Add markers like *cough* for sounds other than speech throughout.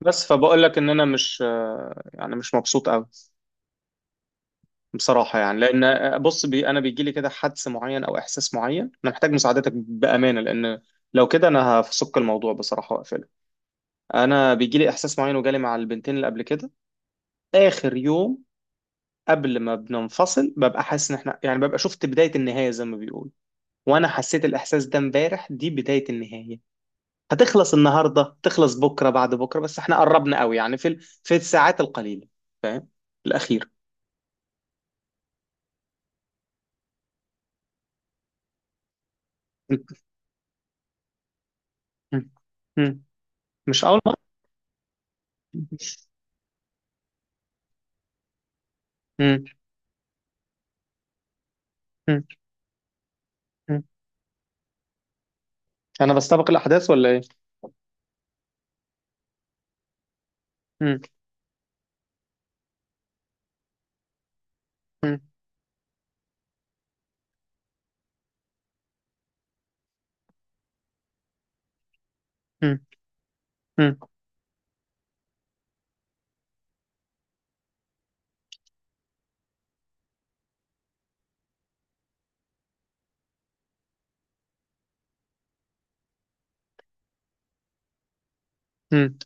بس فبقول لك ان انا مش يعني مش مبسوط قوي بصراحه يعني لان بص انا بيجي لي كده حدس معين او احساس معين. انا محتاج مساعدتك بامانه لان لو كده انا هفسك الموضوع بصراحه واقفله. انا بيجي لي احساس معين وجالي مع البنتين اللي قبل كده. اخر يوم قبل ما بننفصل ببقى حاسس ان احنا يعني ببقى شفت بدايه النهايه زي ما بيقولوا، وانا حسيت الاحساس ده امبارح. دي بدايه النهايه، هتخلص النهارده تخلص بكره بعد بكره، بس احنا قربنا قوي يعني في في الساعات القليله. فاهم الاخير. مم. مم. مش أول مرة. مم. مم. مم. أنا بستبق الأحداث ولا إيه؟ مم. مم. مم. مم. مم.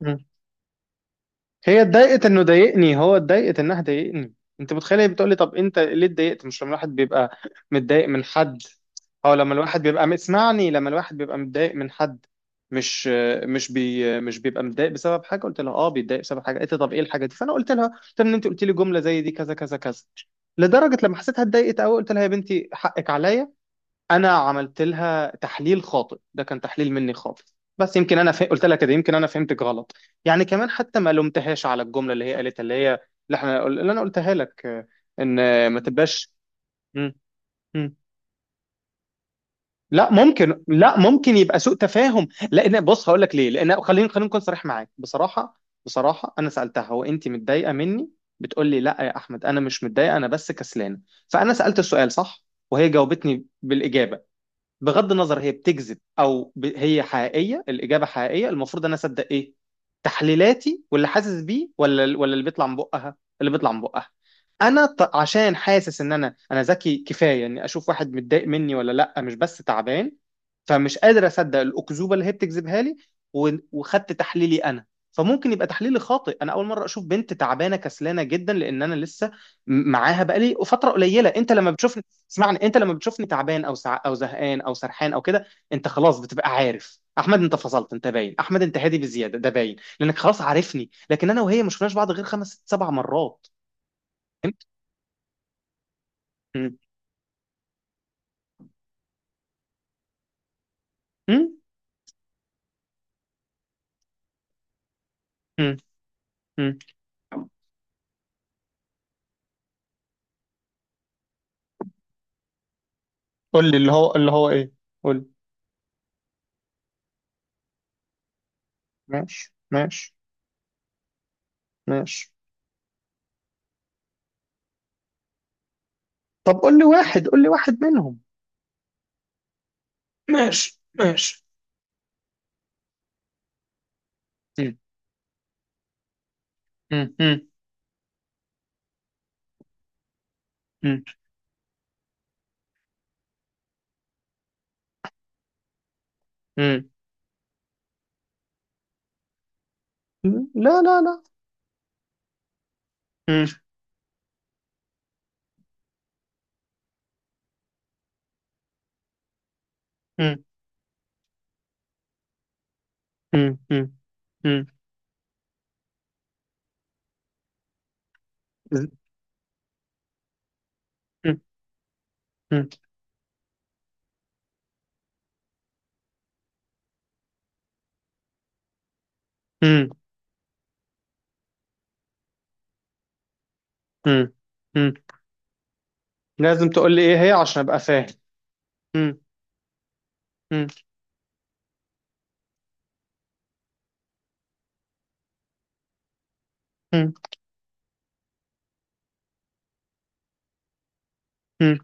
مم. هي اتضايقت إنه ضايقني، هو اتضايقت إنها ضايقني. أنت متخيل؟ هي بتقولي طب أنت ليه اتضايقت؟ مش لما الواحد بيبقى متضايق من حد، أو لما الواحد بيبقى، اسمعني، لما الواحد بيبقى متضايق من حد مش مش بيبقى متضايق بسبب حاجه قلت لها، اه بيتضايق بسبب حاجه قالت لي. طب ايه الحاجه دي؟ فانا قلت لها ان انت قلت لي جمله زي دي كذا كذا كذا، لدرجه لما حسيتها اتضايقت قوي قلت لها يا بنتي حقك عليا، انا عملت لها تحليل خاطئ، ده كان تحليل مني خاطئ. بس يمكن انا قلت لها كده يمكن انا فهمتك غلط. يعني كمان حتى ما لومتهاش على الجمله اللي هي قالتها اللي هي اللي احنا اللي انا قلتها لك، ان ما تبقاش. مم. مم. لا ممكن يبقى سوء تفاهم، لان بص هقول لك ليه. لان خليني نكون صريح معاك. بصراحه انا سالتها هو انت متضايقه مني؟ بتقول لي لا يا احمد انا مش متضايقه انا بس كسلانه. فانا سالت السؤال صح وهي جاوبتني بالاجابه. بغض النظر هي بتكذب او هي حقيقيه، الاجابه حقيقيه، المفروض انا اصدق ايه؟ تحليلاتي واللي حاسس بيه ولا اللي بيطلع من بقها؟ اللي بيطلع من بقها. عشان حاسس ان انا ذكي كفايه اني اشوف واحد متضايق مني ولا لا، مش بس تعبان. فمش قادر اصدق الاكذوبه اللي هي بتكذبها لي، وخدت تحليلي انا. فممكن يبقى تحليلي خاطئ، انا اول مره اشوف بنت تعبانه كسلانه جدا لان انا لسه معاها بقالي فتره قليله. انت لما بتشوف، اسمعني، انت لما بتشوفني تعبان او زهقان او سرحان او كده انت خلاص بتبقى عارف احمد انت فصلت، انت باين احمد انت هادي بزياده، ده باين لانك خلاص عارفني. لكن انا وهي ما شفناش بعض غير خمس ست سبع مرات. فهمت. مم. مم. مم. مم. قول لي اللي هو ايه. قول لي. ماشي ماشي ماشي. طب قول لي واحد، قول لي واحد منهم. ماشي ماشي. مم. مم. مم. مم. مم. مم. لا لا لا. مم. مم. مم. مم. مم. مم. مم. مم. مم. لازم تقول لي ايه هي عشان ابقى فاهم. مم. مم. مم. مم.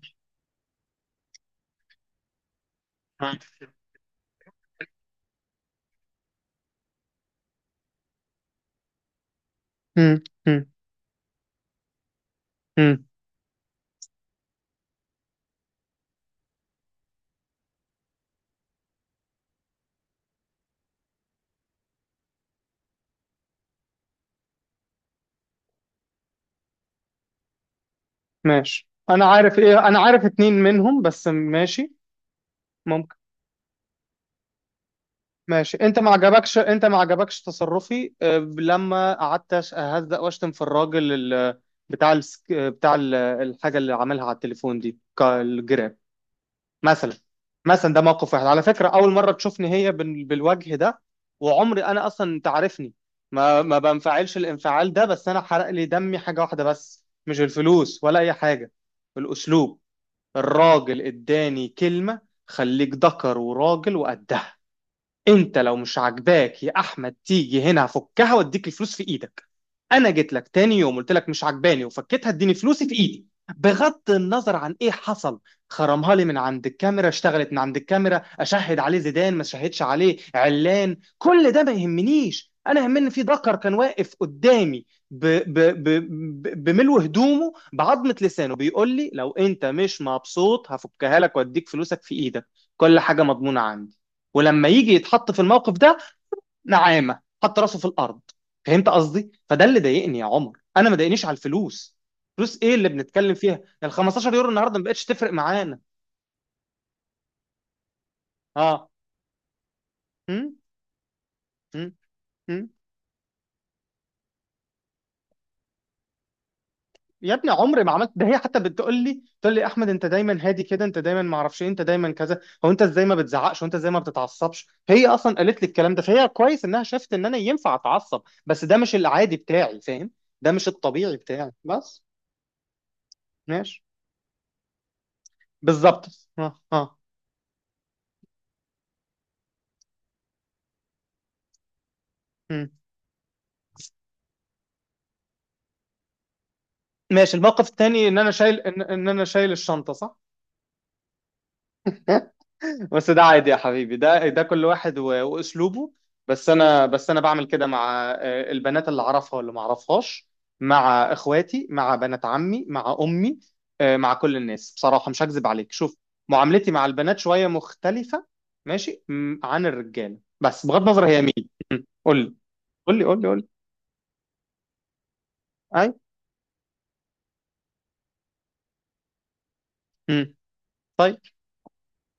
مم. مم. مم. ماشي، انا عارف ايه، انا عارف اتنين منهم بس. ماشي ممكن. ماشي انت ما عجبكش، انت ما عجبكش تصرفي لما قعدت اهزق واشتم في الراجل بتاع الحاجه اللي عملها على التليفون دي، الجراب مثلا. مثلا ده موقف واحد. على فكرة أول مرة تشوفني هي بالوجه ده، وعمري أنا أصلا، أنت عارفني، ما بنفعلش الانفعال ده. بس أنا حرق لي دمي حاجة واحدة بس، مش الفلوس ولا أي حاجة، الأسلوب. الراجل إداني كلمة خليك ذكر وراجل وقدها، انت لو مش عاجباك يا احمد تيجي هنا هفكها واديك الفلوس في ايدك. انا جيت لك تاني يوم قلت لك مش عاجباني وفكيتها اديني فلوسي في ايدي، بغض النظر عن ايه حصل. خرمها لي من عند الكاميرا، اشتغلت من عند الكاميرا، اشهد عليه زيدان، ما شهدش عليه علان، كل ده ما يهمنيش. انا يهمني في ذكر كان واقف قدامي بملو هدومه بعظمة لسانه بيقول لي لو انت مش مبسوط هفكها لك واديك فلوسك في ايدك، كل حاجة مضمونة عندي، ولما يجي يتحط في الموقف ده نعامه حط راسه في الارض. فهمت قصدي؟ فده اللي ضايقني يا عمر، انا ما ضايقنيش على الفلوس. فلوس ايه اللي بنتكلم فيها؟ ال 15 يورو النهارده ما بقتش تفرق معانا. اه. م? م? م? يا ابني عمري ما عملت ده، هي حتى بتقول لي، تقول لي احمد انت دايما هادي كده، انت دايما ما اعرفش ايه، انت دايما كذا، هو انت ازاي ما بتزعقش؟ وانت ازاي ما بتتعصبش؟ هي اصلا قالت لي الكلام ده، فهي كويس انها شافت ان انا ينفع اتعصب، بس ده مش العادي بتاعي، فاهم؟ ده مش الطبيعي بتاعي بس. ماشي. بالظبط. اه اه. مم. ماشي الموقف التاني ان انا شايل إن انا شايل الشنطة صح. *laughs* بس ده عادي يا حبيبي، ده كل واحد واسلوبه. بس انا بعمل كده مع البنات اللي اعرفها واللي ما اعرفهاش، مع اخواتي مع بنات عمي مع امي، مع كل الناس بصراحة، مش هكذب عليك، شوف معاملتي مع البنات شوية مختلفة. ماشي عن الرجالة، بس بغض النظر هي مين. م. قول لي قول لي قول لي قول لي. اي. م. طيب.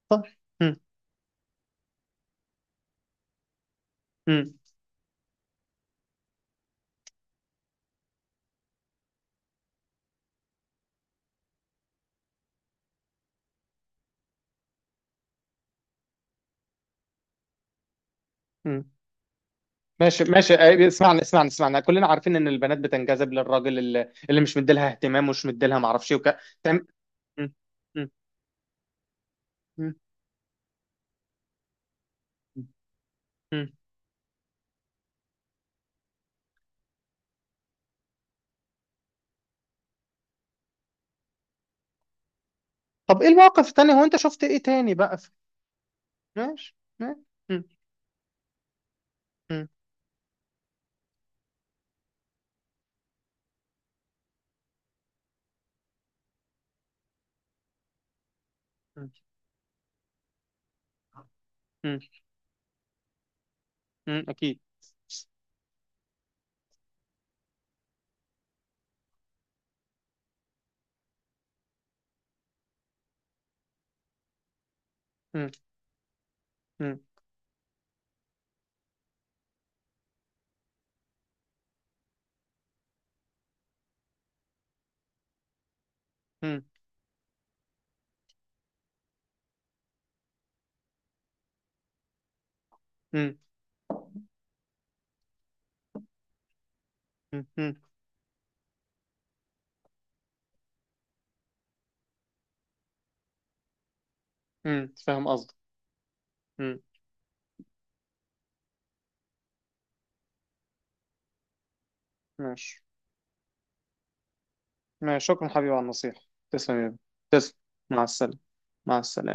طيب. م. م. م. ماشي ماشي، اسمعني اسمعني اسمعني، كلنا عارفين ان البنات بتنجذب للراجل اللي مش مديلها اهتمام ومش مديلها معرفش ايه م- م- م- م- م. طب ايه المواقف التانية؟ هو انت شفت ايه تاني بقى في... ماشي ماشي. م- م- م- م- م. اكيد. م- م- م- م- م- م- م. فاهم قصدك. م. ماشي ماشي، شكرا حبيبي على النصيحة. تسلم يا ابني. تسلم. مع السلامة. مع السلامة.